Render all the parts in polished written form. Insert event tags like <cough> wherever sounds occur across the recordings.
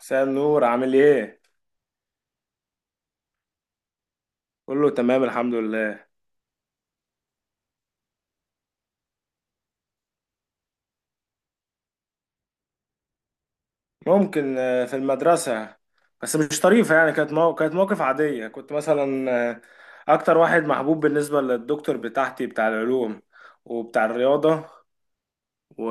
مساء النور، عامل ايه؟ كله تمام الحمد لله. ممكن، في المدرسة، بس مش طريفة. يعني كانت كانت موقف عادية. كنت مثلا أكتر واحد محبوب بالنسبة للدكتور بتاعتي، بتاع العلوم وبتاع الرياضة و...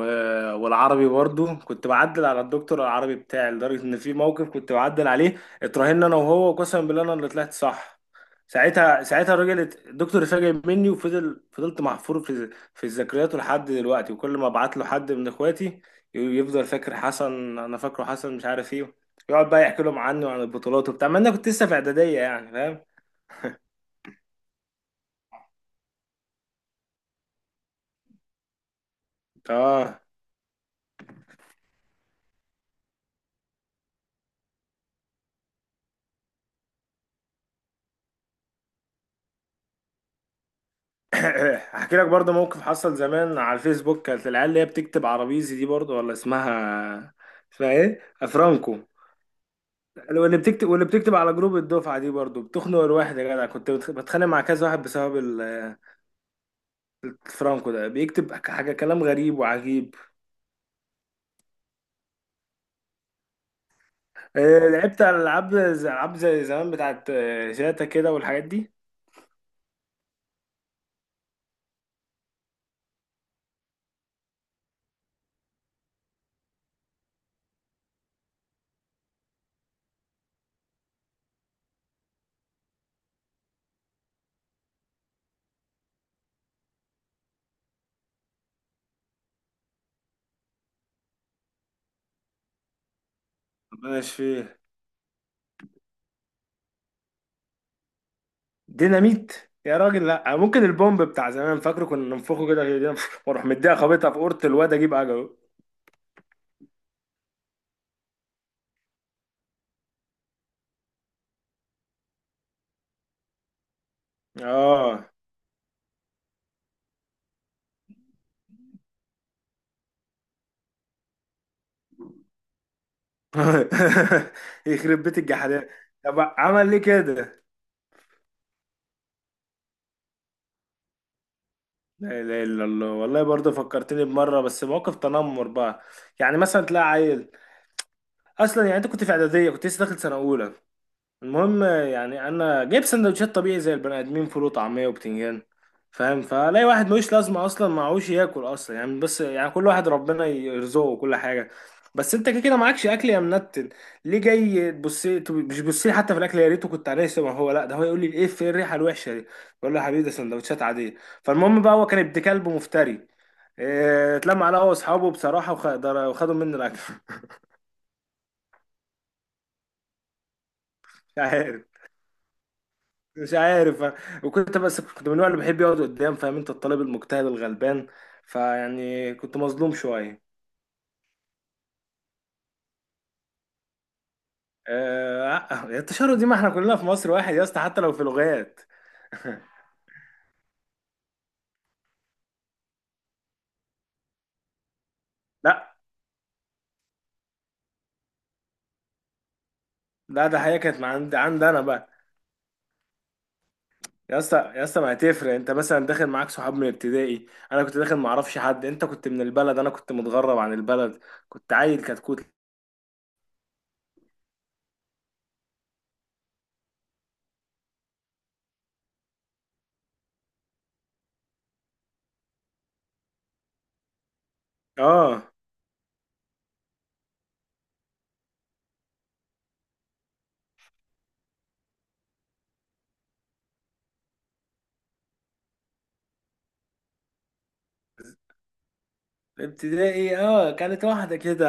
والعربي برضو. كنت بعدل على الدكتور العربي بتاعي، لدرجة ان في موقف كنت بعدل عليه. اتراهنا انا وهو، وقسما بالله انا اللي طلعت صح. ساعتها الراجل الدكتور اتفاجئ مني، وفضل فضلت محفور في ذكرياته لحد دلوقتي. وكل ما ابعت له حد من اخواتي يفضل فاكر حسن، انا فاكره حسن مش عارف ايه. يقعد بقى يحكي لهم عني وعن البطولات وبتاع، ما انا كنت لسه في اعدادية، يعني فاهم. اه. <clears throat> هحكي لك برضه موقف حصل زمان على الفيسبوك. كانت العيال اللي هي بتكتب عربيزي دي، برضه ولا اسمها؟ اسمها ايه؟ افرانكو. واللي بتكتب على جروب الدفعه دي برضه بتخنق الواحد يا جدع. كنت بتخانق مع كذا واحد بسبب الفرانكو. ده بيكتب حاجه، كلام غريب وعجيب. لعبت على العاب، زي العاب زي زمان بتاعت شاتا كده والحاجات دي. ربنا يشفيه. ديناميت يا راجل؟ لا، ممكن البومب بتاع زمان، فاكره كنا ننفخه كده كده، واروح <laughs> مديها خابطها في اورة الواد اجيب عجله. اه. <laughs> يخرب بيت الجحدان. طب عمل ليه كده؟ لا اله الا الله. والله برضه فكرتني بمره، بس مواقف تنمر بقى. يعني مثلا تلاقي عيل، اصلا يعني انت كنت في اعداديه، كنت لسه داخل سنه اولى. المهم، يعني انا جايب سندوتشات طبيعي زي البني ادمين، فول وطعميه وبتنجان فاهم. فلاقي واحد ملوش لازمه اصلا، معهوش ياكل اصلا يعني. بس يعني كل واحد ربنا يرزقه وكل حاجه، بس انت كده كده معكش اكل يا منتن. ليه جاي تبص؟ مش بص لي حتى في الاكل، يا ريته كنت عليه، ما هو لا، ده هو يقول لي ايه في الريحه الوحشه دي؟ بقول له يا حبيبي، ده سندوتشات عاديه. فالمهم بقى، هو كان ابن كلب مفتري. اتلم على هو واصحابه بصراحه، وخدوا مني الاكل. <laughs> مش عارف، مش عارف. وكنت بس كنت من النوع اللي بحب يقعد قدام، فاهم انت؟ الطالب المجتهد الغلبان، فيعني كنت مظلوم شويه. آه التشرد دي، ما احنا كلنا في مصر واحد يا اسطى، حتى لو في لغات. لا. لا ده حقيقه، كانت مع عند انا بقى. يا اسطى يا اسطى ما هتفرق، انت مثلا داخل معاك صحاب من ابتدائي، انا كنت داخل ما اعرفش حد. انت كنت من البلد، انا كنت متغرب عن البلد، كنت عيل كتكوت. اه. ابتدائي اه، كانت واحدة كده.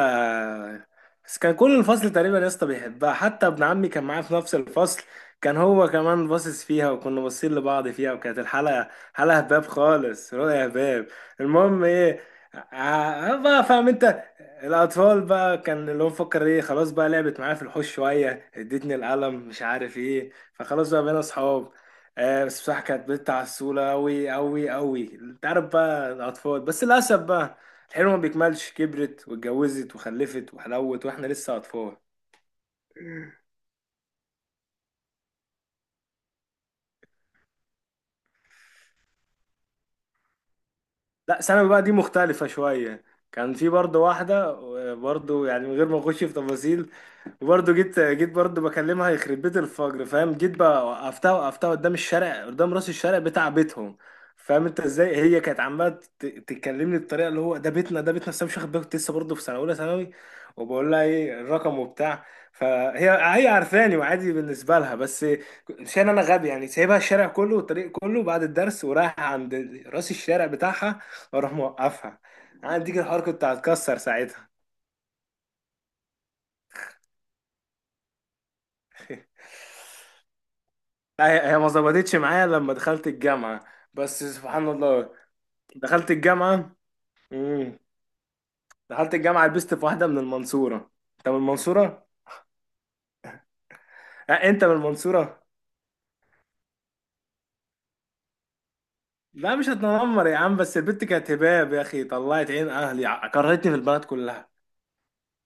بس كان كل الفصل تقريبا يا اسطى بيحبها، حتى ابن عمي كان معايا في نفس الفصل، كان هو كمان باصص فيها، وكنا باصين لبعض فيها. وكانت الحلقة حلقة هباب خالص، رؤيا هباب. المهم ايه. بقى فاهم انت الاطفال بقى، كان اللي هو مفكر ايه. خلاص بقى، لعبت معايا في الحوش شوية، ادتني القلم، مش عارف ايه، فخلاص بقى بقينا اصحاب. آه بس بصراحة كانت بنت عسولة أوي أوي أوي، أنت عارف بقى الأطفال. بس للأسف بقى الحلو ما بيكملش، كبرت واتجوزت وخلفت وحلوت، واحنا لسه اطفال. لا، ثانوي بقى دي مختلفة شوية. كان في برضه واحدة، برضه يعني من غير ما اخش في تفاصيل. وبرضه جيت برضه بكلمها، يخرب بيت الفجر فاهم. جيت بقى وقفتها قدام الشارع، قدام راس الشارع بتاع بيتهم. فاهم انت ازاي هي كانت عماله تتكلمني بالطريقه اللي هو ده بيتنا ده بيتنا، بس أنا مش واخد بالي، كنت لسه برضه في سنه اولى ثانوي. وبقول لها ايه الرقم وبتاع. فهي، هي عارفاني وعادي بالنسبه لها، بس مش انا، انا غبي يعني، سايبها الشارع كله والطريق كله بعد الدرس، ورايح عند راس الشارع بتاعها، واروح موقفها. عندي الحركه، كنت هتكسر ساعتها. <laughs> لا، هي هي ما ظبطتش معايا لما دخلت الجامعة. بس سبحان الله، دخلت الجامعة. امم. دخلت الجامعة لبست في واحدة من المنصورة. انت من المنصورة؟ أه انت من المنصورة؟ لا مش هتنمر يا عم، بس البت كانت هباب يا اخي، طلعت عين اهلي، كرهتني في البلد كلها.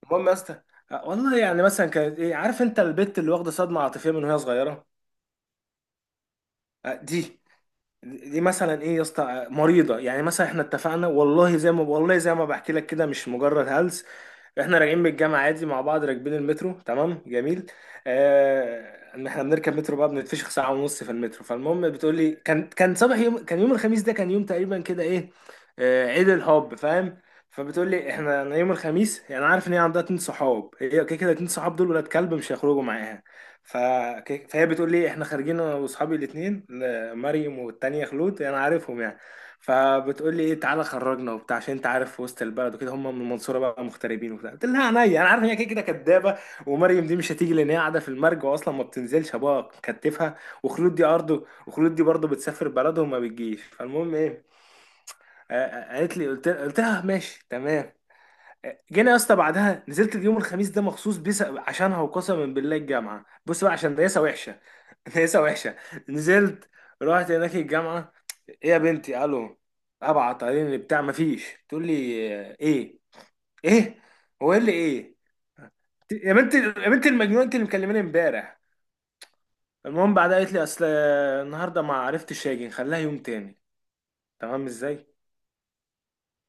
المهم يا اسطى، أه، والله يعني مثلا كانت ايه، عارف انت البت اللي واخدة صدمة عاطفية من وهي صغيرة؟ أه، دي مثلا ايه يا اسطى، مريضه. يعني مثلا احنا اتفقنا، والله زي ما، والله زي ما بحكي لك كده، مش مجرد هلس. احنا راجعين من الجامعه عادي مع بعض، راكبين المترو، تمام جميل. اه احنا بنركب مترو بقى، بنتفشخ ساعه ونص في المترو. فالمهم بتقول لي كان صباح يوم، كان يوم الخميس، ده كان يوم تقريبا كده ايه، اه عيد الحب فاهم. فبتقول لي احنا، أنا يوم الخميس يعني عارف ان هي عندها اتنين صحاب، هي كده كده اتنين صحاب، دول ولاد كلب مش هيخرجوا معاها. ف... فهي بتقول لي احنا خارجين انا واصحابي الاثنين، مريم والتانية خلود، انا عارفهم يعني. فبتقول لي ايه تعالى خرجنا وبتاع عشان انت عارف في وسط البلد وكده، هم من المنصوره بقى مغتربين وبتاع. قلت لها عينيا، انا عارف ان هي كده كده كدابه، ومريم دي مش هتيجي لان هي قاعده في المرج، واصلا ما بتنزلش ابوها كتفها، وخلود دي ارضه، وخلود دي برضه بتسافر بلدهم ما بتجيش. فالمهم ايه، قالت لي، قلت لها ماشي تمام. جينا يا اسطى بعدها، نزلت اليوم الخميس ده مخصوص بيس عشانها، وقسما بالله الجامعه بص بقى عشان دايسه وحشه. <laughs> دايسه وحشه. نزلت، رحت هناك الجامعه، ايه يا بنتي الو، ابعت علينا بتاع مفيش. تقول لي آه، ايه ايه هو ايه اللي ايه، يا بنتي يا بنتي المجنونه، انت اللي مكلماني امبارح. المهم بعدها قالت لي اصل النهارده ما عرفتش اجي، نخليها يوم تاني. تمام ازاي؟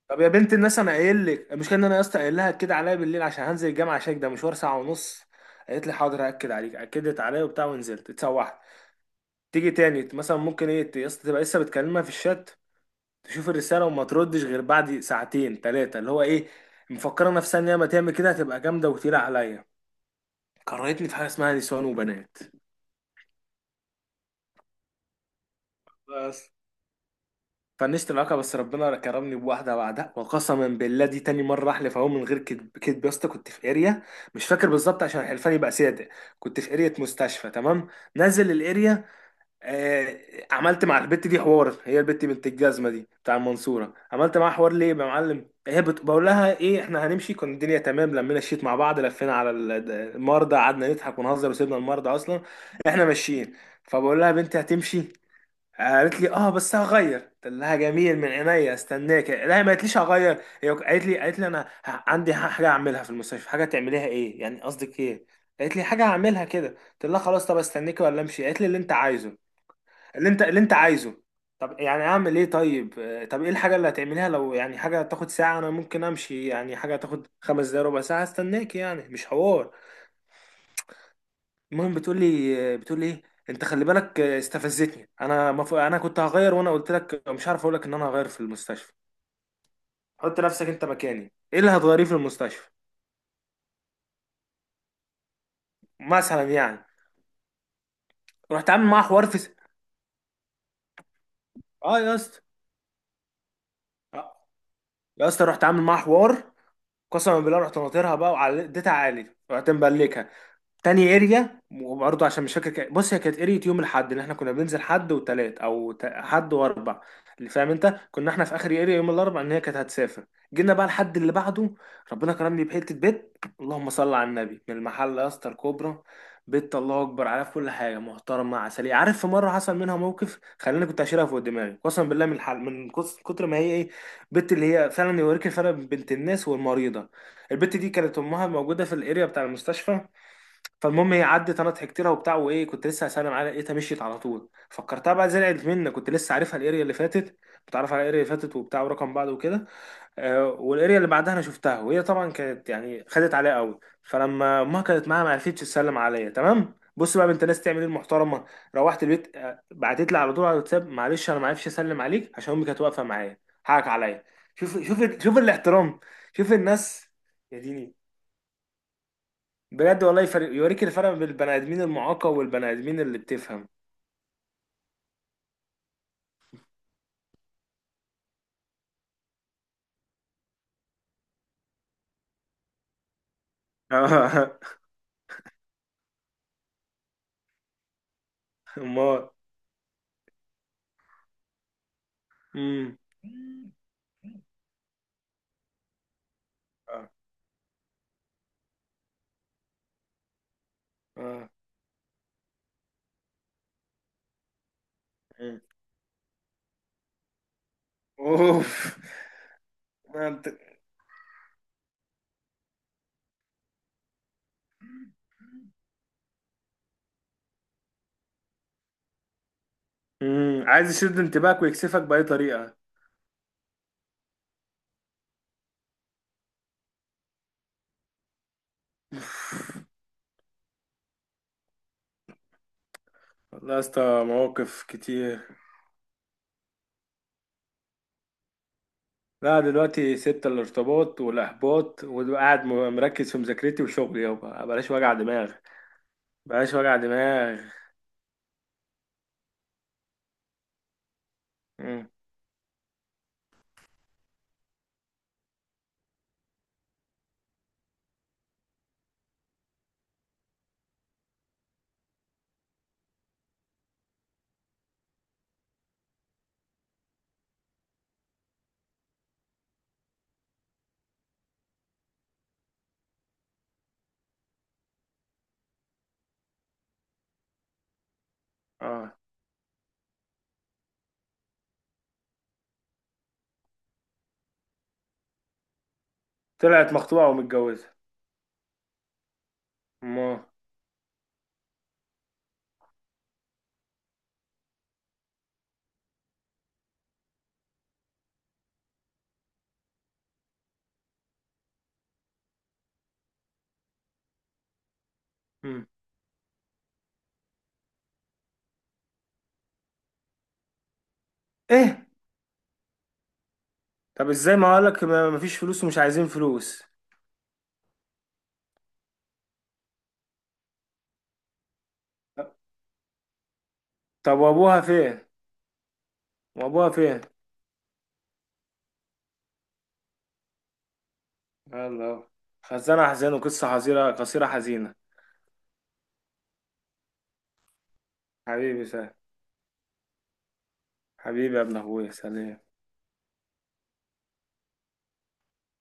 طب يا بنت الناس، انا قايل لك المشكله، ان انا يا اسطى قايل لها كده عليا بالليل، عشان هنزل الجامعه، عشان ده مشوار ساعه ونص. قالت لي حاضر هاكد عليك، اكدت عليا وبتاع، ونزلت اتسوحت. تيجي تاني مثلا ممكن ايه يا اسطى، تبقى لسه بتكلمها في الشات، تشوف الرسالة وما تردش غير بعد ساعتين تلاتة، اللي هو ايه، مفكرة نفسها ان هي ما تعمل كده هتبقى جامدة وتقيلة عليا. كرهتني في حاجة اسمها نسوان وبنات. بس. فنشت العلاقة، بس ربنا كرمني بواحدة بعدها. وقسما بالله دي تاني مرة أحلف، أهو من غير كدب، كدب يا اسطى. كنت في اريا، مش فاكر بالظبط عشان الحلفان يبقى صادق. كنت في اريا مستشفى تمام، نازل الاريا. آه، عملت مع البت دي حوار، هي البت بنت الجزمه دي بتاع المنصوره. عملت معاها حوار ليه يا معلم؟ هي بقول لها ايه احنا هنمشي، كان الدنيا تمام، لمينا الشيت مع بعض، لفينا على المرضى، قعدنا نضحك ونهزر، وسيبنا المرضى اصلا. احنا ماشيين. فبقول لها بنتي هتمشي، قالت لي اه بس هغير. قلت لها جميل من عينيا استناك. لا ما قالتليش هغير، هي قالت لي، انا عندي حاجه اعملها في المستشفى. حاجه تعمليها ايه يعني؟ قصدك ايه؟ قالت لي حاجه هعملها كده. قلت لها خلاص طب، استناكي ولا امشي؟ قالت لي اللي انت عايزه، اللي انت عايزه. طب يعني اعمل ايه طيب، طب ايه الحاجه اللي هتعمليها؟ لو يعني حاجه تاخد ساعه انا ممكن امشي، يعني حاجه تاخد 5 دقايق ربع ساعه استناك، يعني مش حوار. المهم بتقول لي ايه انت خلي بالك، استفزتني انا. انا كنت هغير وانا قلت لك، مش عارف اقول لك ان انا هغير في المستشفى. حط نفسك انت مكاني، ايه اللي هتغيريه في المستشفى؟ مثلا يعني. رحت عامل معاها حوار في اه يا اسطى، آه، يا اسطى رحت عامل معاها حوار، قسما بالله. رحت ناطرها بقى، وعلى اديتها عالي، رحت مبلكها تاني اريا. وبرضه عشان مش فاكر، بص، هي كانت اريا يوم الاحد اللي احنا كنا بننزل، حد وتلات او حد واربع. اللي فاهم انت كنا احنا في اخر اريا يوم الاربع، ان هي كانت هتسافر. جينا بقى الحد اللي بعده، ربنا كرمني بحته بيت، اللهم صل على النبي، من المحل يا اسطى، الكوبرا. بيت الله اكبر عليها، في كل حاجه محترمه عسليه. عارف، في مره حصل منها موقف خلاني كنت هشيلها فوق دماغي قسما بالله من الحل، من كتر ما هي ايه، بنت اللي هي فعلا يوريك الفرق بين بنت الناس والمريضه. البت دي كانت امها موجوده في الاريا بتاع المستشفى. فالمهم، هي عدت، انا ضحكت لها وبتاع وايه، كنت لسه هسلم عليها لقيتها مشيت على طول. فكرتها بقى زعلت مني، كنت لسه عارفها الاريا اللي فاتت، بتعرف على الاريا اللي فاتت وبتاع ورقم بعض وكده. آه والاريا اللي بعدها انا شفتها وهي طبعا كانت يعني خدت عليا قوي. فلما امها كانت معاها ما عرفتش تسلم عليا، تمام؟ بص بقى بنت ناس تعمل ايه المحترمه. روحت البيت، بعتت لي على طول على الواتساب، معلش انا ما عرفش اسلم عليك عشان امي كانت واقفه معايا، حقك عليا. شوف شوف شوف الاحترام، شوف الناس. يا ديني. بجد والله يفرق، يوريك الفرق بين البني ادمين المعاقة والبني ادمين اللي بتفهم. <laughs> اه. امال. امم. اه. آه. مم. اوف. ما انت عايز يشد انتباهك ويكسفك بأي طريقة. والله يا اسطى مواقف كتير. لا دلوقتي سبت الارتباط والإحباط، وقاعد مركز في مذاكرتي وشغلي، يابا بلاش وجع دماغ. بلاش وجع دماغ. مم. اه. طلعت مخطوبة ومتجوزة. ما. مم. ايه. طب ازاي، ما اقولك مفيش فلوس ومش عايزين فلوس. طب وابوها فين، وابوها فين. يلا. خزانة حزينة وقصة حزينة قصيرة حزينة. حبيبي سهل. حبيبي يا ابن اخويا، سلام.